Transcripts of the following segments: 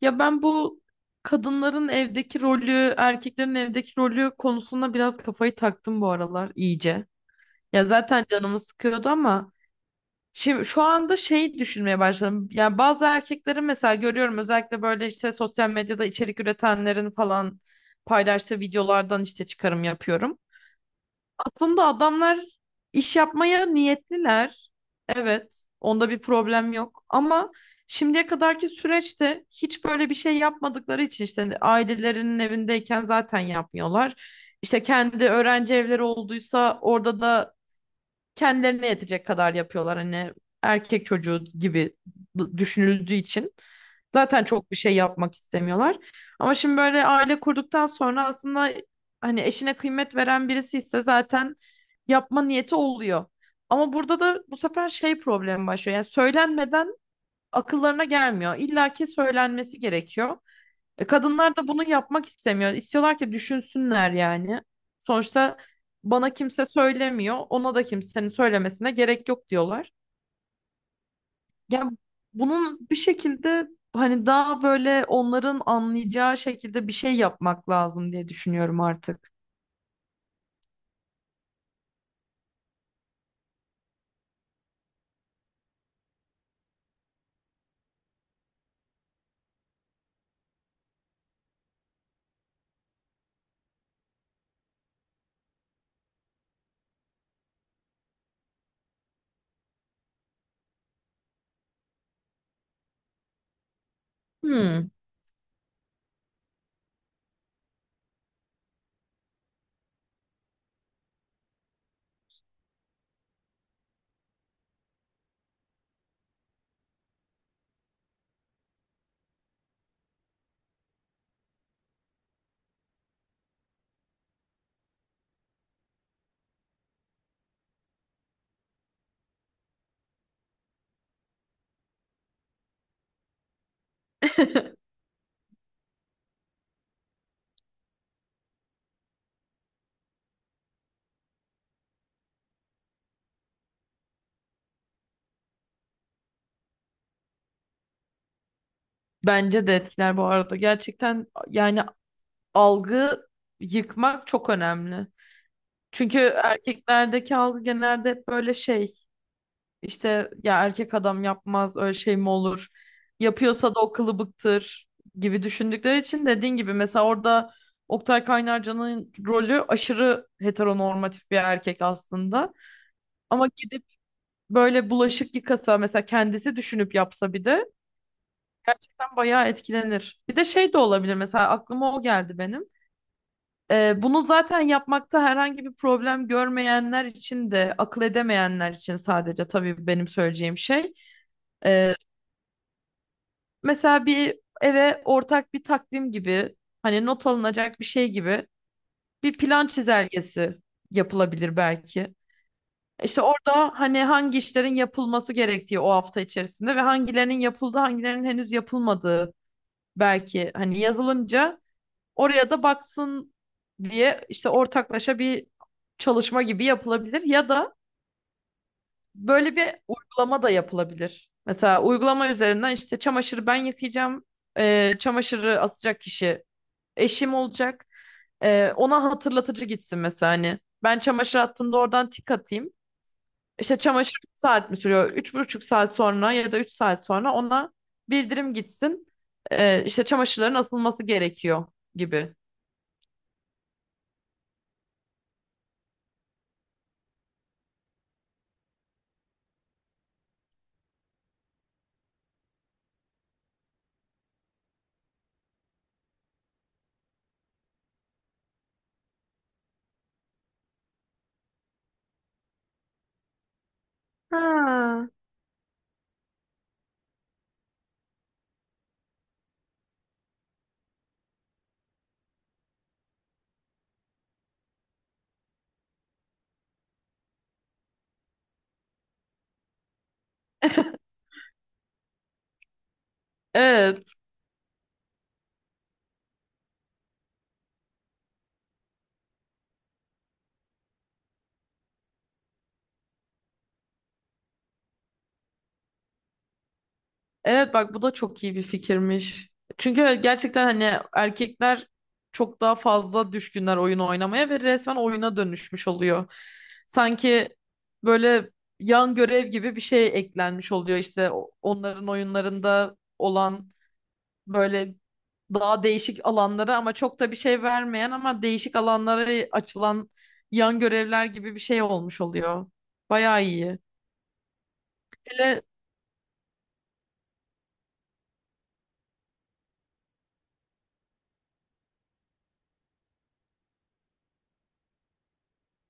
Ya ben bu kadınların evdeki rolü, erkeklerin evdeki rolü konusunda biraz kafayı taktım bu aralar iyice. Ya zaten canımı sıkıyordu ama şimdi şu anda şey düşünmeye başladım. Yani bazı erkekleri mesela görüyorum özellikle böyle işte sosyal medyada içerik üretenlerin falan paylaştığı videolardan işte çıkarım yapıyorum. Aslında adamlar iş yapmaya niyetliler. Evet, onda bir problem yok. Ama şimdiye kadarki süreçte hiç böyle bir şey yapmadıkları için işte ailelerinin evindeyken zaten yapmıyorlar. İşte kendi öğrenci evleri olduysa orada da kendilerine yetecek kadar yapıyorlar. Hani erkek çocuğu gibi düşünüldüğü için. Zaten çok bir şey yapmak istemiyorlar. Ama şimdi böyle aile kurduktan sonra aslında hani eşine kıymet veren birisi ise zaten yapma niyeti oluyor. Ama burada da bu sefer şey problemi başlıyor. Yani söylenmeden akıllarına gelmiyor. İlla ki söylenmesi gerekiyor. Kadınlar da bunu yapmak istemiyor. İstiyorlar ki düşünsünler yani. Sonuçta bana kimse söylemiyor. Ona da kimsenin söylemesine gerek yok diyorlar. Ya bunun bir şekilde hani daha böyle onların anlayacağı şekilde bir şey yapmak lazım diye düşünüyorum artık. Hmm. Bence de etkiler bu arada. Gerçekten yani algı yıkmak çok önemli. Çünkü erkeklerdeki algı genelde hep böyle şey. İşte ya erkek adam yapmaz öyle şey mi olur? Yapıyorsa da o kılıbıktır gibi düşündükleri için dediğin gibi mesela orada Oktay Kaynarca'nın rolü aşırı heteronormatif bir erkek aslında. Ama gidip böyle bulaşık yıkasa mesela kendisi düşünüp yapsa bir de gerçekten bayağı etkilenir. Bir de şey de olabilir mesela aklıma o geldi benim. Bunu zaten yapmakta herhangi bir problem görmeyenler için de akıl edemeyenler için sadece tabii benim söyleyeceğim şey. Mesela bir eve ortak bir takvim gibi hani not alınacak bir şey gibi bir plan çizelgesi yapılabilir belki. İşte orada hani hangi işlerin yapılması gerektiği o hafta içerisinde ve hangilerinin yapıldı, hangilerinin henüz yapılmadığı belki hani yazılınca oraya da baksın diye işte ortaklaşa bir çalışma gibi yapılabilir ya da böyle bir uygulama da yapılabilir. Mesela uygulama üzerinden işte çamaşırı ben yıkayacağım, çamaşırı asacak kişi eşim olacak. Ona hatırlatıcı gitsin mesela hani. Ben çamaşır attığımda oradan tik atayım. İşte çamaşır 3 saat mi sürüyor? Üç buçuk saat sonra ya da 3 saat sonra ona bildirim gitsin. İşte çamaşırların asılması gerekiyor gibi. Ha. Evet. Evet bak bu da çok iyi bir fikirmiş. Çünkü gerçekten hani erkekler çok daha fazla düşkünler oyun oynamaya ve resmen oyuna dönüşmüş oluyor. Sanki böyle yan görev gibi bir şey eklenmiş oluyor işte onların oyunlarında olan böyle daha değişik alanlara ama çok da bir şey vermeyen ama değişik alanlara açılan yan görevler gibi bir şey olmuş oluyor. Bayağı iyi. Hele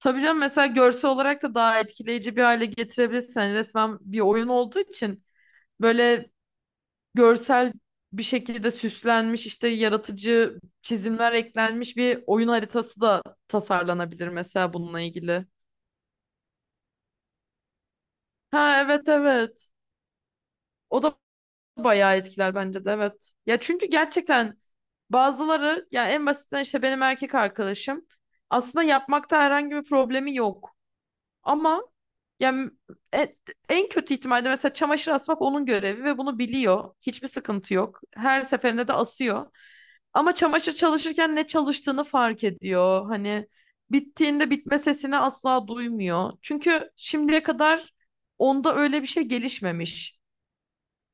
tabii canım mesela görsel olarak da daha etkileyici bir hale getirebilirsin. Hani resmen bir oyun olduğu için böyle görsel bir şekilde süslenmiş işte yaratıcı çizimler eklenmiş bir oyun haritası da tasarlanabilir mesela bununla ilgili. Ha, evet, evet. O da bayağı etkiler bence de, evet. Ya çünkü gerçekten bazıları ya en basitinden işte benim erkek arkadaşım aslında yapmakta herhangi bir problemi yok. Ama yani en, en kötü ihtimalde mesela çamaşır asmak onun görevi ve bunu biliyor. Hiçbir sıkıntı yok. Her seferinde de asıyor. Ama çamaşır çalışırken ne çalıştığını fark ediyor. Hani bittiğinde bitme sesini asla duymuyor. Çünkü şimdiye kadar onda öyle bir şey gelişmemiş.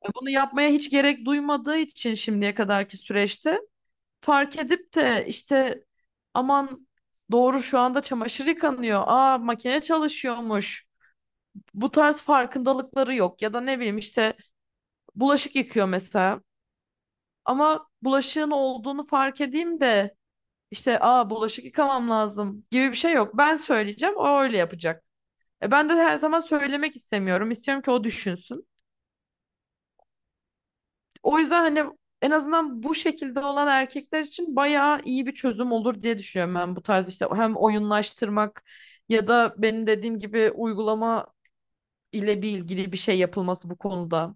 Bunu yapmaya hiç gerek duymadığı için şimdiye kadarki süreçte fark edip de işte aman doğru şu anda çamaşır yıkanıyor. Aa, makine çalışıyormuş, bu tarz farkındalıkları yok ya da ne bileyim işte bulaşık yıkıyor mesela ama bulaşığın olduğunu fark edeyim de işte aa, bulaşık yıkamam lazım gibi bir şey yok. Ben söyleyeceğim, o öyle yapacak. Ben de her zaman söylemek istemiyorum. İstiyorum ki o düşünsün. O yüzden hani en azından bu şekilde olan erkekler için bayağı iyi bir çözüm olur diye düşünüyorum ben bu tarz işte hem oyunlaştırmak ya da benim dediğim gibi uygulama ile bir ilgili bir şey yapılması bu konuda.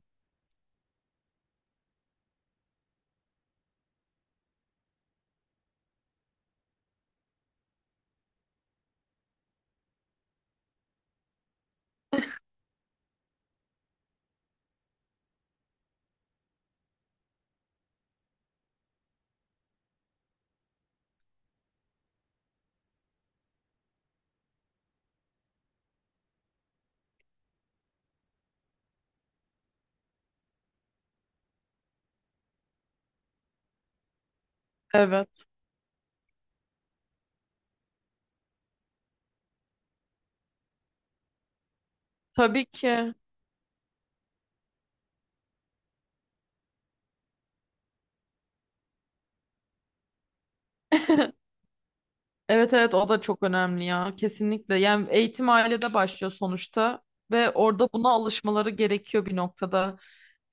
Evet, tabii ki. Evet, evet, o da çok önemli ya, kesinlikle. Yani eğitim ailede başlıyor sonuçta ve orada buna alışmaları gerekiyor bir noktada.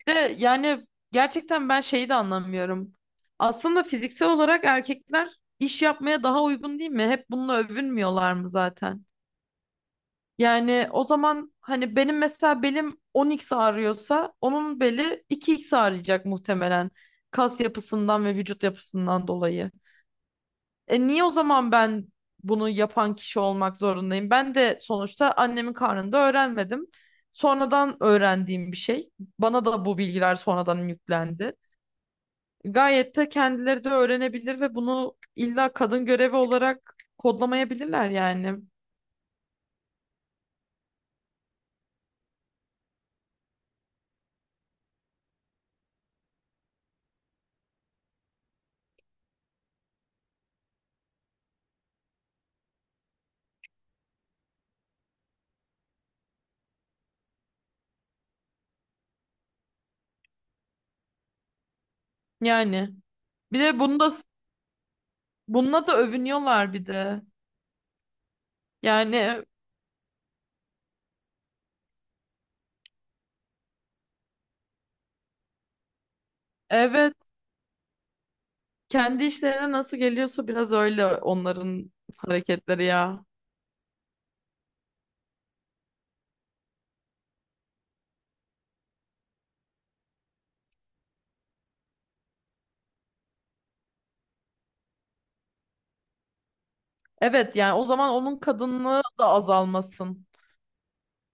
Bir de yani gerçekten ben şeyi de anlamıyorum. Aslında fiziksel olarak erkekler iş yapmaya daha uygun değil mi? Hep bununla övünmüyorlar mı zaten? Yani o zaman hani benim mesela belim 10x ağrıyorsa onun beli 2x ağrıyacak muhtemelen kas yapısından ve vücut yapısından dolayı. Niye o zaman ben bunu yapan kişi olmak zorundayım? Ben de sonuçta annemin karnında öğrenmedim. Sonradan öğrendiğim bir şey. Bana da bu bilgiler sonradan yüklendi. Gayet de kendileri de öğrenebilir ve bunu illa kadın görevi olarak kodlamayabilirler yani. Yani bir de bunu da bununla da övünüyorlar bir de. Yani evet, kendi işlerine nasıl geliyorsa biraz öyle onların hareketleri ya. Evet yani o zaman onun kadınlığı da azalmasın.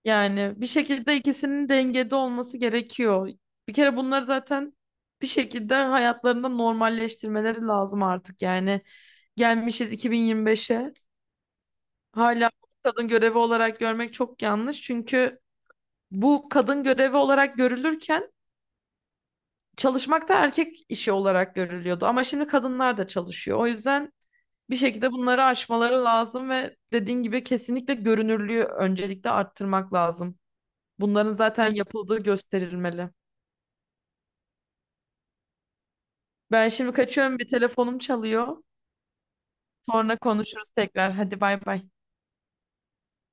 Yani bir şekilde ikisinin dengede olması gerekiyor. Bir kere bunları zaten bir şekilde hayatlarında normalleştirmeleri lazım artık. Yani gelmişiz 2025'e. Hala kadın görevi olarak görmek çok yanlış. Çünkü bu kadın görevi olarak görülürken çalışmak da erkek işi olarak görülüyordu. Ama şimdi kadınlar da çalışıyor. O yüzden bir şekilde bunları aşmaları lazım ve dediğin gibi kesinlikle görünürlüğü öncelikle arttırmak lazım. Bunların zaten yapıldığı gösterilmeli. Ben şimdi kaçıyorum, bir telefonum çalıyor. Sonra konuşuruz tekrar. Hadi bay bay.